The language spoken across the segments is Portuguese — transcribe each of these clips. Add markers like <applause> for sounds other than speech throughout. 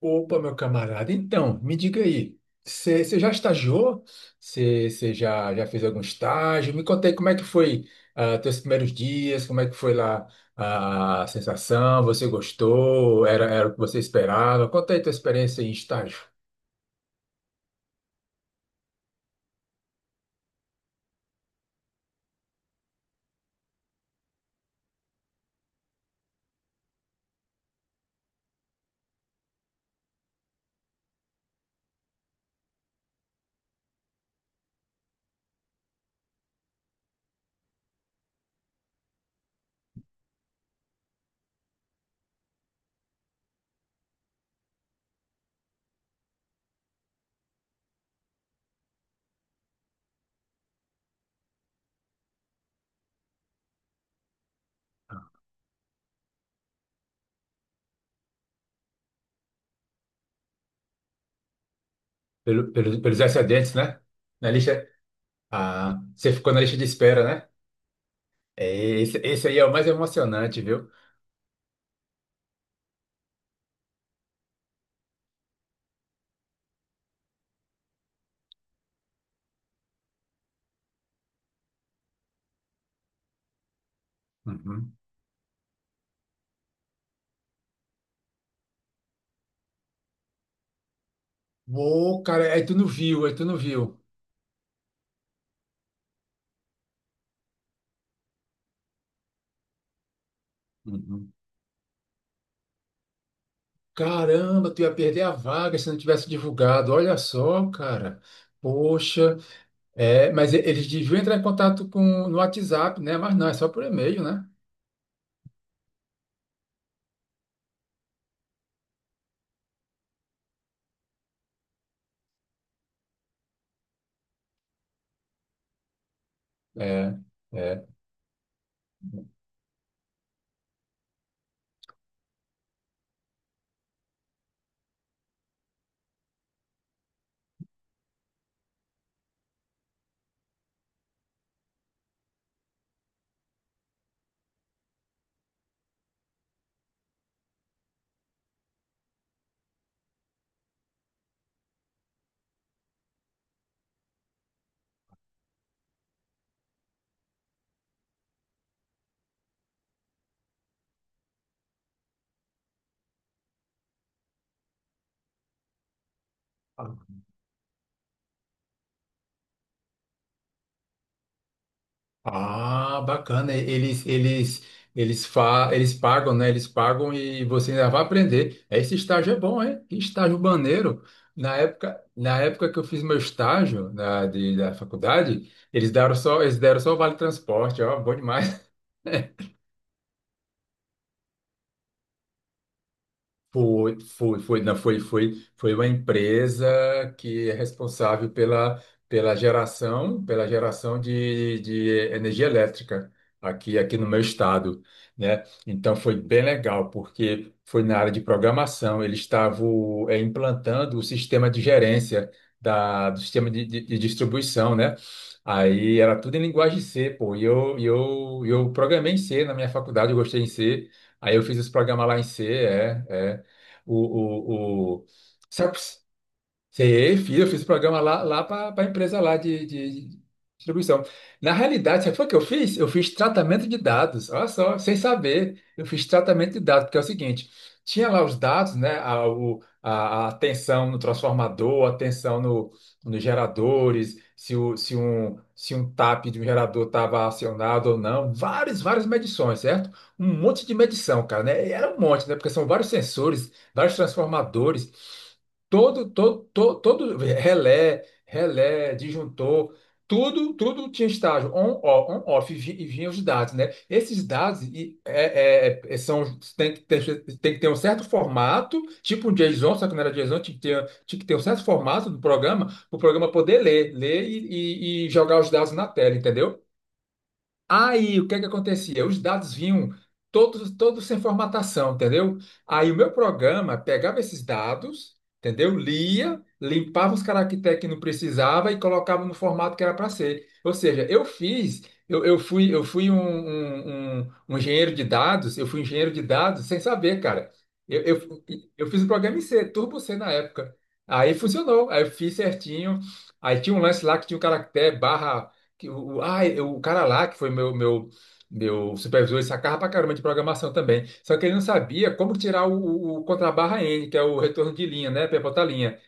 Opa, meu camarada. Então, me diga aí, você já estagiou? Você já fez algum estágio? Me conta aí como é que foi os teus primeiros dias, como é que foi lá, a sensação. Você gostou? Era o que você esperava? Conta aí tua experiência em estágio. Pelo, pelo- pelos excedentes, né? Na lista, ah, você ficou na lista de espera, né? É, esse aí é o mais emocionante, viu? Uhum. Uou, cara, aí tu não viu. Uhum. Caramba, tu ia perder a vaga se não tivesse divulgado. Olha só, cara. Poxa, é, mas eles deviam entrar em contato com, no WhatsApp, né? Mas não, é só por e-mail, né? É, é. Ah, bacana. Eles pagam, né? Eles pagam e você ainda vai aprender. Esse estágio é bom, hein? Que estágio maneiro. Na época que eu fiz meu estágio na, da faculdade, eles deram só o vale transporte, ó, bom demais. Não, foi uma empresa que é responsável pela, pela geração de energia elétrica aqui no meu estado, né? Então foi bem legal, porque foi na área de programação. Eles estavam, é, implantando o sistema de gerência da, do sistema de distribuição, né? Aí era tudo em linguagem C, pô, e eu programei em C na minha faculdade, eu gostei em C. Aí eu fiz esse programa lá em C, é, é, o... Sabe, sei, fiz, eu fiz o programa lá, lá para a empresa lá de, de distribuição. Na realidade, sabe o que eu fiz? Eu fiz tratamento de dados, olha só, sem saber, eu fiz tratamento de dados, porque é o seguinte: tinha lá os dados, né, a, a tensão no transformador, a tensão no, nos geradores, se, o, se, um, se um tap de um gerador estava acionado ou não, várias, várias medições, certo? Um monte de medição, cara, né? E era um monte, né, porque são vários sensores, vários transformadores. Todo relé, relé, disjuntor, tudo, tudo tinha estágio on, ó, on, off. E e vinha os dados, né? Esses dados, e, é, é, é, são, tem que ter um certo formato, tipo um JSON, só que não era JSON. Tinha que ter, tinha que ter um certo formato do programa, para o programa poder ler, ler e, e jogar os dados na tela, entendeu? Aí, o que é que acontecia? Os dados vinham todos, todos sem formatação, entendeu? Aí o meu programa pegava esses dados, entendeu? Lia, limpava os caracteres que não precisava e colocava no formato que era para ser. Ou seja, eu fiz, eu fui um, um engenheiro de dados. Eu fui engenheiro de dados sem saber, cara. Eu, eu, eu fiz um programa em C, Turbo C na época. Aí funcionou, aí eu fiz certinho. Aí tinha um lance lá que tinha o caractere barra que o, o cara lá, que foi meu, meu, meu supervisor, ele sacava pra caramba de programação também. Só que ele não sabia como tirar o contrabarra N, que é o retorno de linha, né? Pivota linha.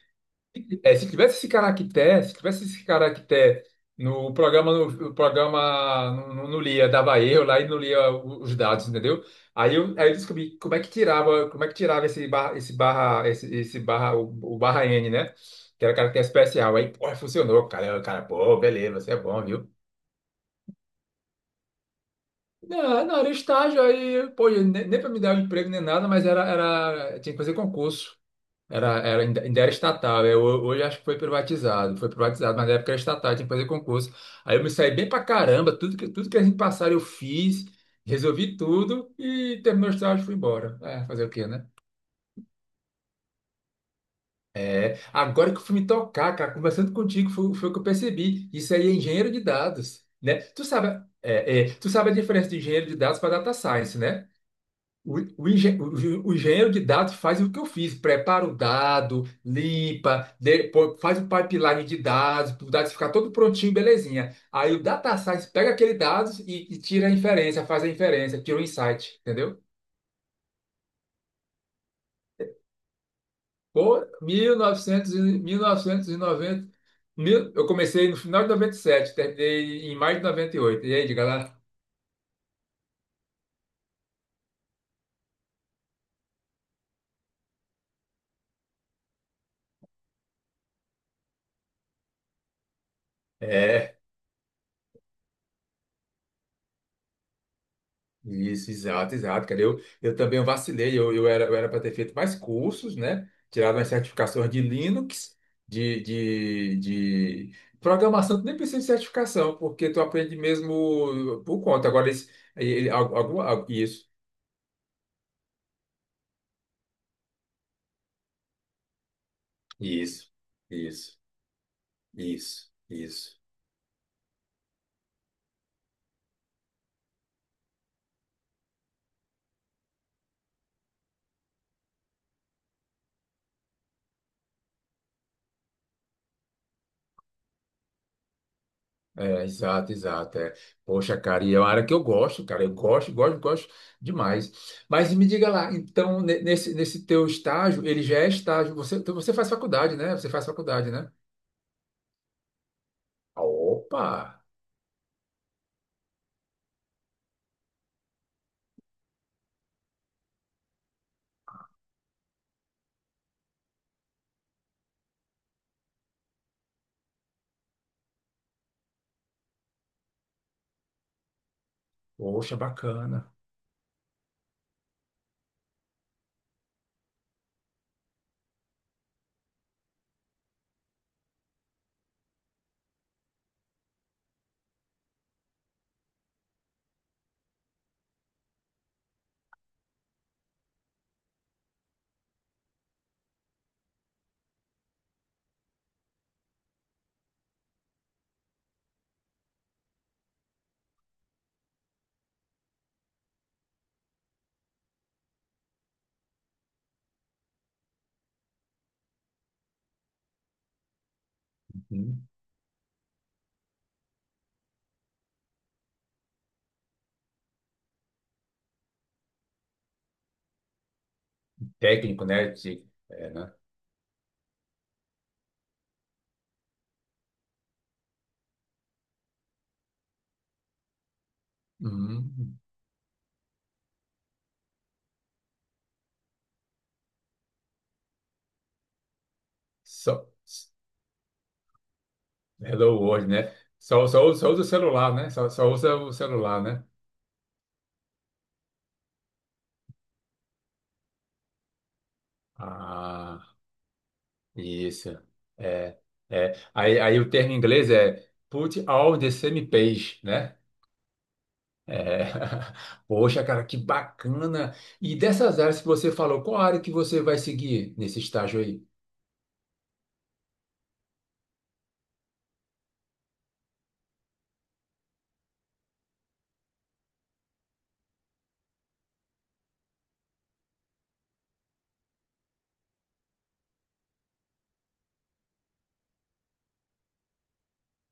É, se tivesse esse caractere, se tivesse esse caractere no programa, no, o programa não, não lia, dava erro lá e não lia os dados, entendeu? Aí eu descobri como é que tirava, como é que tirava esse barra, esse barra, esse barra, o barra N, né? Que era caractere especial. Aí, pô, funcionou, cara. Eu, cara, pô, beleza, você é bom, viu? Não, não, era estágio aí, pô, nem, nem para me dar um emprego nem nada, mas era, era, tinha que fazer concurso. Era, era, ainda era estatal. Eu hoje acho que foi privatizado, mas na época era estatal, tinha que fazer concurso. Aí eu me saí bem pra caramba. Tudo que a gente passaram eu fiz, resolvi tudo e terminou o estágio e fui embora. É, fazer o quê, né? Agora que eu fui me tocar, cara, conversando contigo, foi, foi o que eu percebi. Isso aí é engenheiro de dados, né? Tu sabe, é, é, tu sabe a diferença de engenheiro de dados para data science, né? O, o engenheiro de dados faz o que eu fiz, prepara o dado, limpa, de- pô- faz o pipeline de dados, para o dado ficar todo prontinho, belezinha. Aí o data science pega aquele dados e tira a inferência, faz a inferência, tira o insight, entendeu? Pô, 1900, e- 1990, mil- novecentos e noventa, mil, eu comecei no final de noventa e sete, terminei em maio de 98. E oito. E aí, diga lá. É. Isso, exato, exato, cara. Eu também vacilei. Eu era para ter feito mais cursos, né? Tirado as certificações de Linux, de programação. Tu nem precisa de certificação, porque tu aprende mesmo por conta. Agora, esse, ele- al- alguma, al- isso, isso, isso. É, exato, exato. É. Poxa, cara, e é uma área que eu gosto, cara. Eu gosto, gosto, gosto demais. Mas me diga lá, então, ne- nesse, nesse teu estágio, ele já é estágio. Você, então você faz faculdade, né? Você faz faculdade, né? Ah, opa! Poxa, bacana. Uhum. Técnico, né? De- é, né? Uhum. Só, hello World, né? Só, só, só usa o celular, né? Só, só usa o celular, né? Ah. Isso. É, é. Aí, aí o termo em inglês é put all the same page, né? É. <laughs> Poxa, cara, que bacana. E dessas áreas que você falou, qual área que você vai seguir nesse estágio aí?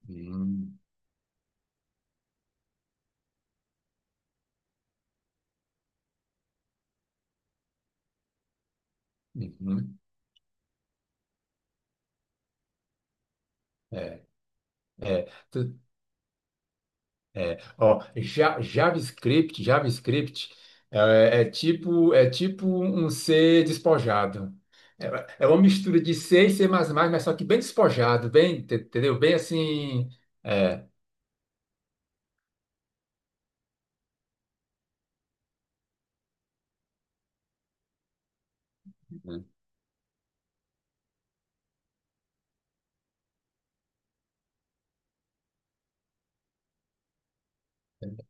Hum, uhum. É, é. É, ó, Ja- JavaScript, JavaScript é, é tipo, é tipo um C despojado. É, é uma mistura de C e C++, mas só que bem despojado, bem, te- entendeu? Bem assim, é,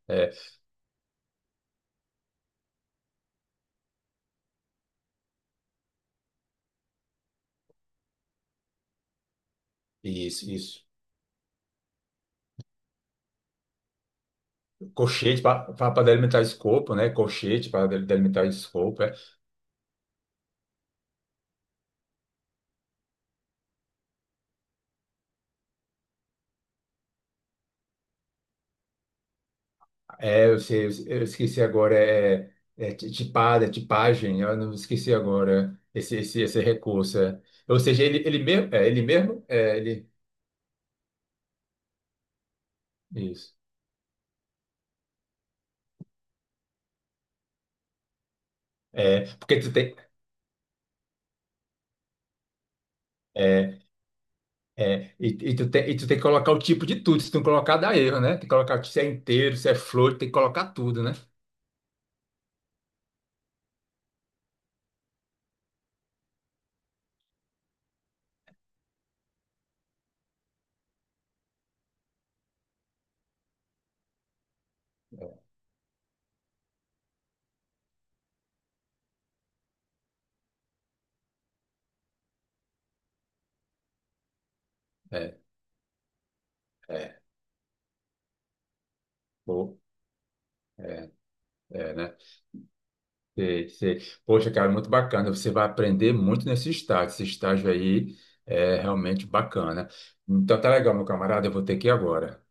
é, isso, isso. Colchete para delimitar escopo, né? Colchete para delimitar escopo. É. Eu sei, eu esqueci agora, é, é ti- tipada, tipagem, eu não esqueci agora esse, esse, esse recurso. É. Ou seja, ele mesmo, é, ele mesmo, é, ele. Isso. É, porque tu tem. É, é, e tu tem que colocar o tipo de tudo. Se tu não colocar, dá erro, né? Tem que colocar se é inteiro, se é flor, tem que colocar tudo, né? É, é. Pô, é, é, né? Sei, sei. Poxa, cara, muito bacana. Você vai aprender muito nesse estágio. Esse estágio aí é realmente bacana. Então tá legal, meu camarada. Eu vou ter que ir agora.